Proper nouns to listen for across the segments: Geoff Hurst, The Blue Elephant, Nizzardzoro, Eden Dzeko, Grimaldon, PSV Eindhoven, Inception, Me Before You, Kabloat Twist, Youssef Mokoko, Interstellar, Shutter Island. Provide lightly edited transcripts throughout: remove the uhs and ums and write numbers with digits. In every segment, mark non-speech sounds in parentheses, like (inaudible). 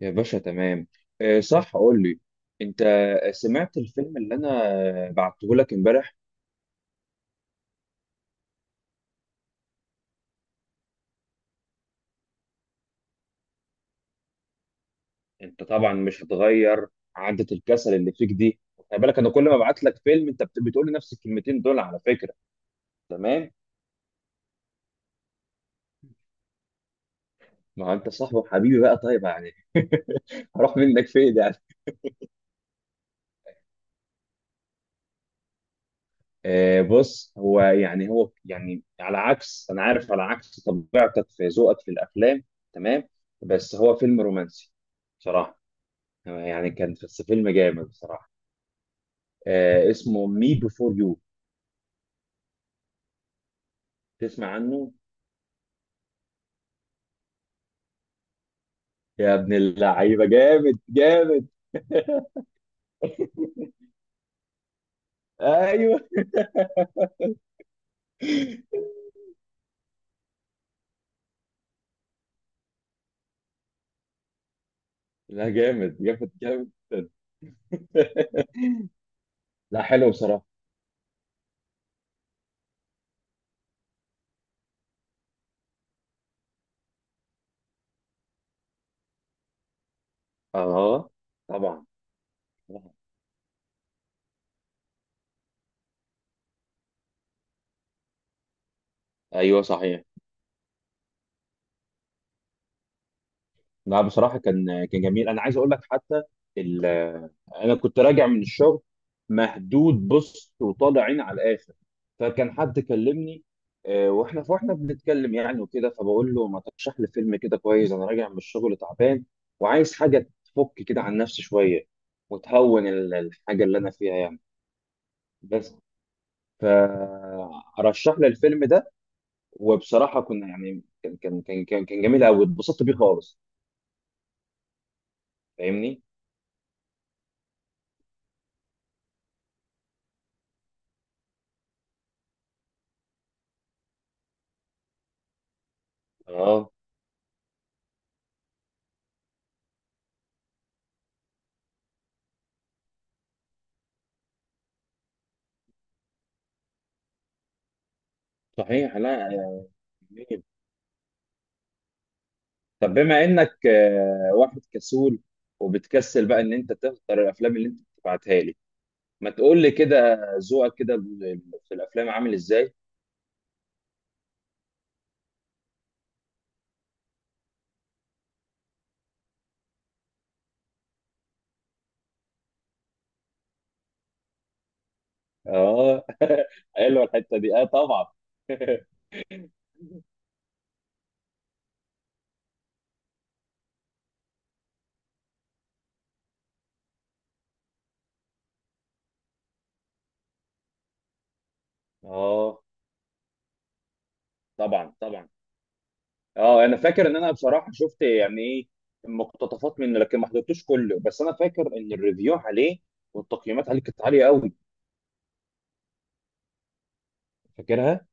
يا باشا تمام. آه، صح، قول لي، انت سمعت الفيلم اللي انا بعته لك امبارح؟ انت طبعا مش هتغير عادة الكسل اللي فيك دي. خلي بالك انا كل ما ابعت لك فيلم انت بتقول لي نفس الكلمتين دول على فكرة. تمام، ما هو انت صاحبي وحبيبي بقى، طيب يعني (laughs) هروح منك فين يعني؟ آه، بص، هو يعني على عكس، انا عارف، على عكس طبيعتك في ذوقك في الافلام. تمام، بس هو فيلم رومانسي بصراحة، يعني كان بس فيلم جامد بصراحة. آه، اسمه مي بيفور يو. تسمع عنه؟ يا ابن اللعيبه، جامد جامد. (laughs) ايوه. لا جامد جامد جامد. لا حلو بصراحه. اه طبعا، طبعاً. ايوه صحيح. لا بصراحة كان جميل. أنا عايز أقول لك حتى، ال- أنا كنت راجع من الشغل، مهدود، بص، وطالع عين على الآخر، فكان حد كلمني. وإحنا فإحنا بنتكلم يعني وكده، فبقول له ما ترشح لي فيلم كده كويس، أنا راجع من الشغل تعبان، وعايز حاجة تفك كده عن نفسي شوية، وتهون الحاجة اللي أنا فيها يعني. بس، فرشح لي الفيلم ده، وبصراحة كنا يعني كان جميل أوي، اتبسطت بيه خالص. فاهمني؟ اه صحيح. لا يا جميل. طب بما انك، واحد كسول، وبتكسل بقى ان انت تختار الافلام اللي انت بتبعتها لي، ما تقول لي كده، ذوقك كده في الافلام عامل ازاي؟ اه (laughs) حلوه الحته دي، اه طبعا. (laughs) اه طبعا طبعا. اه انا فاكر ان انا بصراحه شفت يعني ايه، مقتطفات منه، لكن ما حضرتوش كله. بس انا فاكر ان الريفيو عليه والتقييمات عليه كانت عاليه قوي. فاكرها.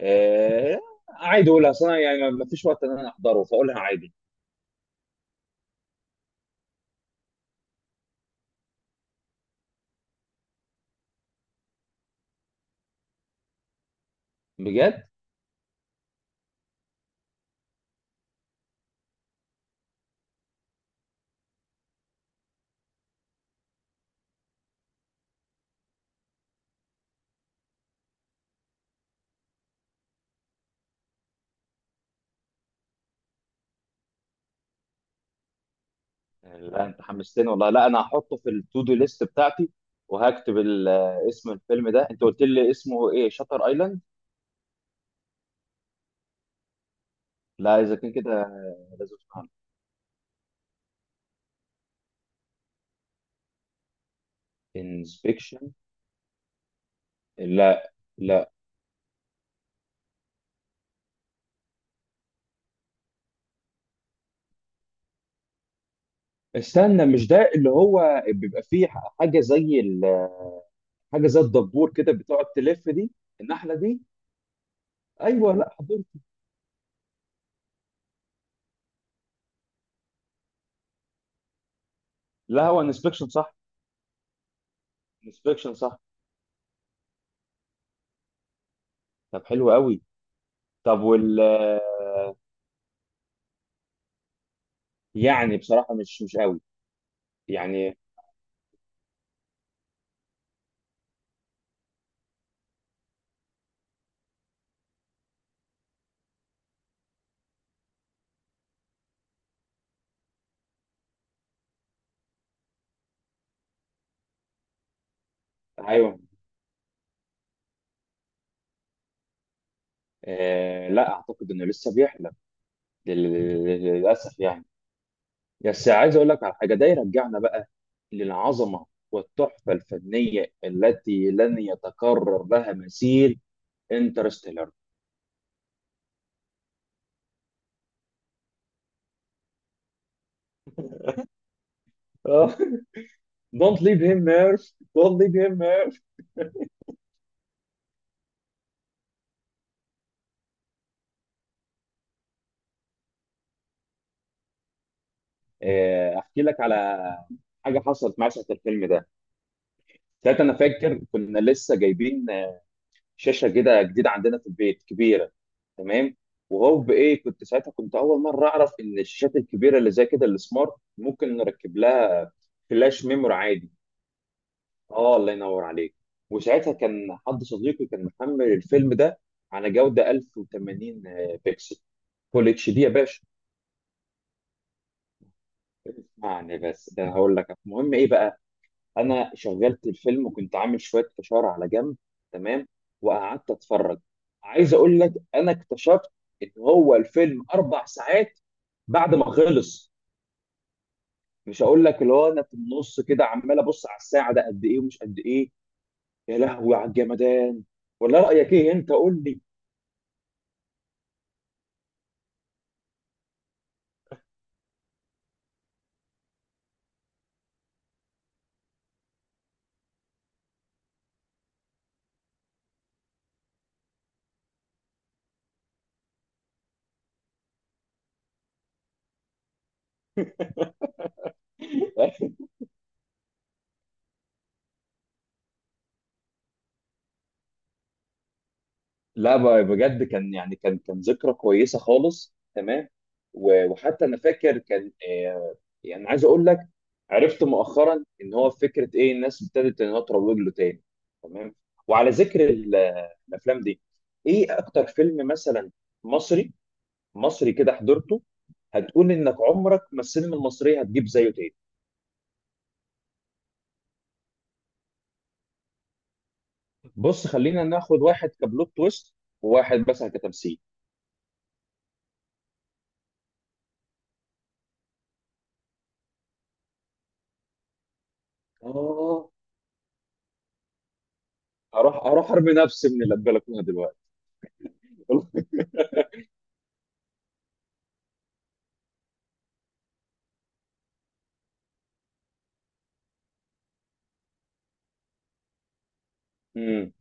آه عادي اقولها اصلا، يعني ما فيش وقت ان انا احضره، فاقولها عادي. بجد، لا انت حمستني والله. لا انا هحطه في التو دو ليست بتاعتي، وهكتب اسم الفيلم ده. انت قلت لي اسمه ايه؟ شاتر ايلاند. لا اذا كان كده لازم اسمعه. انسبكشن؟ لا لا، استنى، مش ده اللي هو بيبقى فيه حاجه زي ال- حاجه زي الدبور كده بتقعد تلف دي، النحله دي؟ ايوه، لا حضرت. لا هو انسبكشن صح، انسبكشن صح. طب حلو قوي. طب وال آه، يعني بصراحة مش قوي يعني. ايوه، آه لا اعتقد انه لسه بيحلم، لل- للاسف يعني. بس عايز اقول لك على حاجة، ده يرجعنا بقى للعظمة والتحفة الفنية التي لن يتكرر لها مثيل، انترستيلر. (laughs) Don't leave him Murph. Don't leave him Murph. احكي لك على حاجه حصلت معايا ساعه الفيلم ده. ساعتها انا فاكر كنا لسه جايبين شاشه كده جديده عندنا في البيت، كبيره، تمام. وهو بايه كنت ساعتها، كنت اول مره اعرف ان الشاشات الكبيره اللي زي كده السمارت ممكن نركب لها فلاش ميموري عادي. اه الله ينور عليك. وساعتها كان حد صديقي محمل الفيلم ده على جوده 1080 بكسل، فول اتش دي يا باشا. اسمعني بس، ده هقول لك المهم ايه بقى. انا شغلت الفيلم وكنت عامل شويه فشار على جنب، تمام، وقعدت اتفرج. عايز اقول لك، انا اكتشفت ان هو الفيلم اربع ساعات بعد ما خلص، مش هقول لك اللي هو انا في النص كده عمال ابص على الساعه ده قد ايه ومش قد ايه. يا لهوي على الجمدان! ولا رايك ايه، انت قول لي. لا بجد كان يعني كان ذكرى كويسه خالص، تمام. و- وحتى انا فاكر كان، يعني عايز اقول لك، عرفت مؤخرا ان هو فكره ايه، الناس ابتدت انها تروج له تاني. تمام، وعلى ذكر الافلام دي، ايه اكتر فيلم مثلا مصري، مصري كده حضرته، هتقول انك عمرك ما السينما المصريه هتجيب زيه تاني؟ بص خلينا ناخد واحد كبلوت تويست، وواحد مثلا كتمثيل. اه اروح ارمي نفسي من البلكونه دلوقتي. (laughs) امم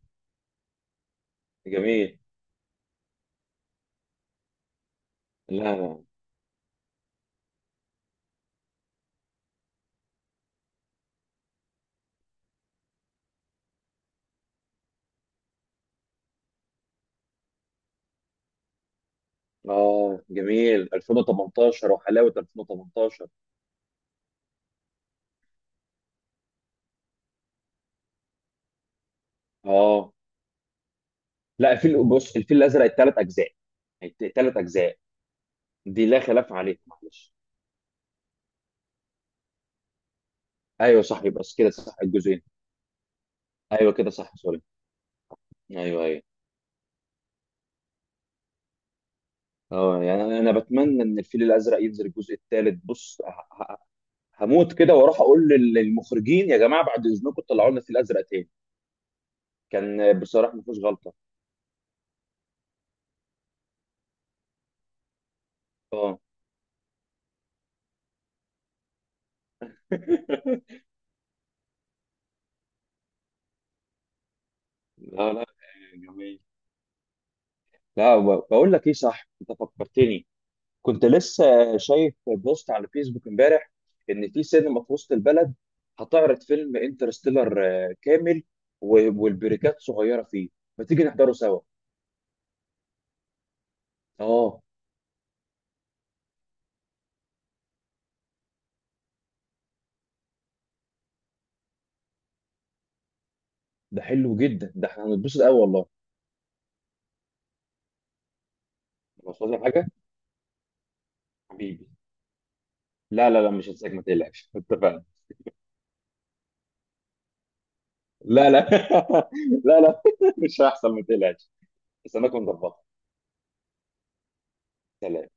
جميل. لا لا. اه جميل، 2018. وحلاوه، 2018. اه. لا الفيل، بص، الفيل الازرق الثلاث اجزاء، الثلاث اجزاء دي لا خلاف عليها معلش. ايوه صح، يبقى كده صح، الجزئين. ايوه كده صح، سوري. ايوه ايوه. اه يعني انا، بتمنى ان الفيل الازرق ينزل الجزء الثالث، بص هموت كده واروح اقول للمخرجين يا جماعه بعد اذنكم طلعوا لنا الفيل الازرق تاني. كان بصراحه ما فيهوش غلطه. اه (laughs) لا لا. جميل. لا بقول لك ايه صح، انت فكرتني، كنت لسه شايف بوست على فيسبوك امبارح ان في سينما في وسط البلد هتعرض فيلم انترستيلر كامل، و- والبريكات صغيره فيه. ما تيجي نحضره سوا؟ اه ده حلو جدا، ده احنا هنتبسط قوي والله. مش عايز حاجه. حبيبي، لا لا لا مش هنساك ما تقلقش. (laughs) اتفقنا. لا لا (laughs) لا لا مش هيحصل، ما تقلقش، بس انا كنت ظبطها. سلام.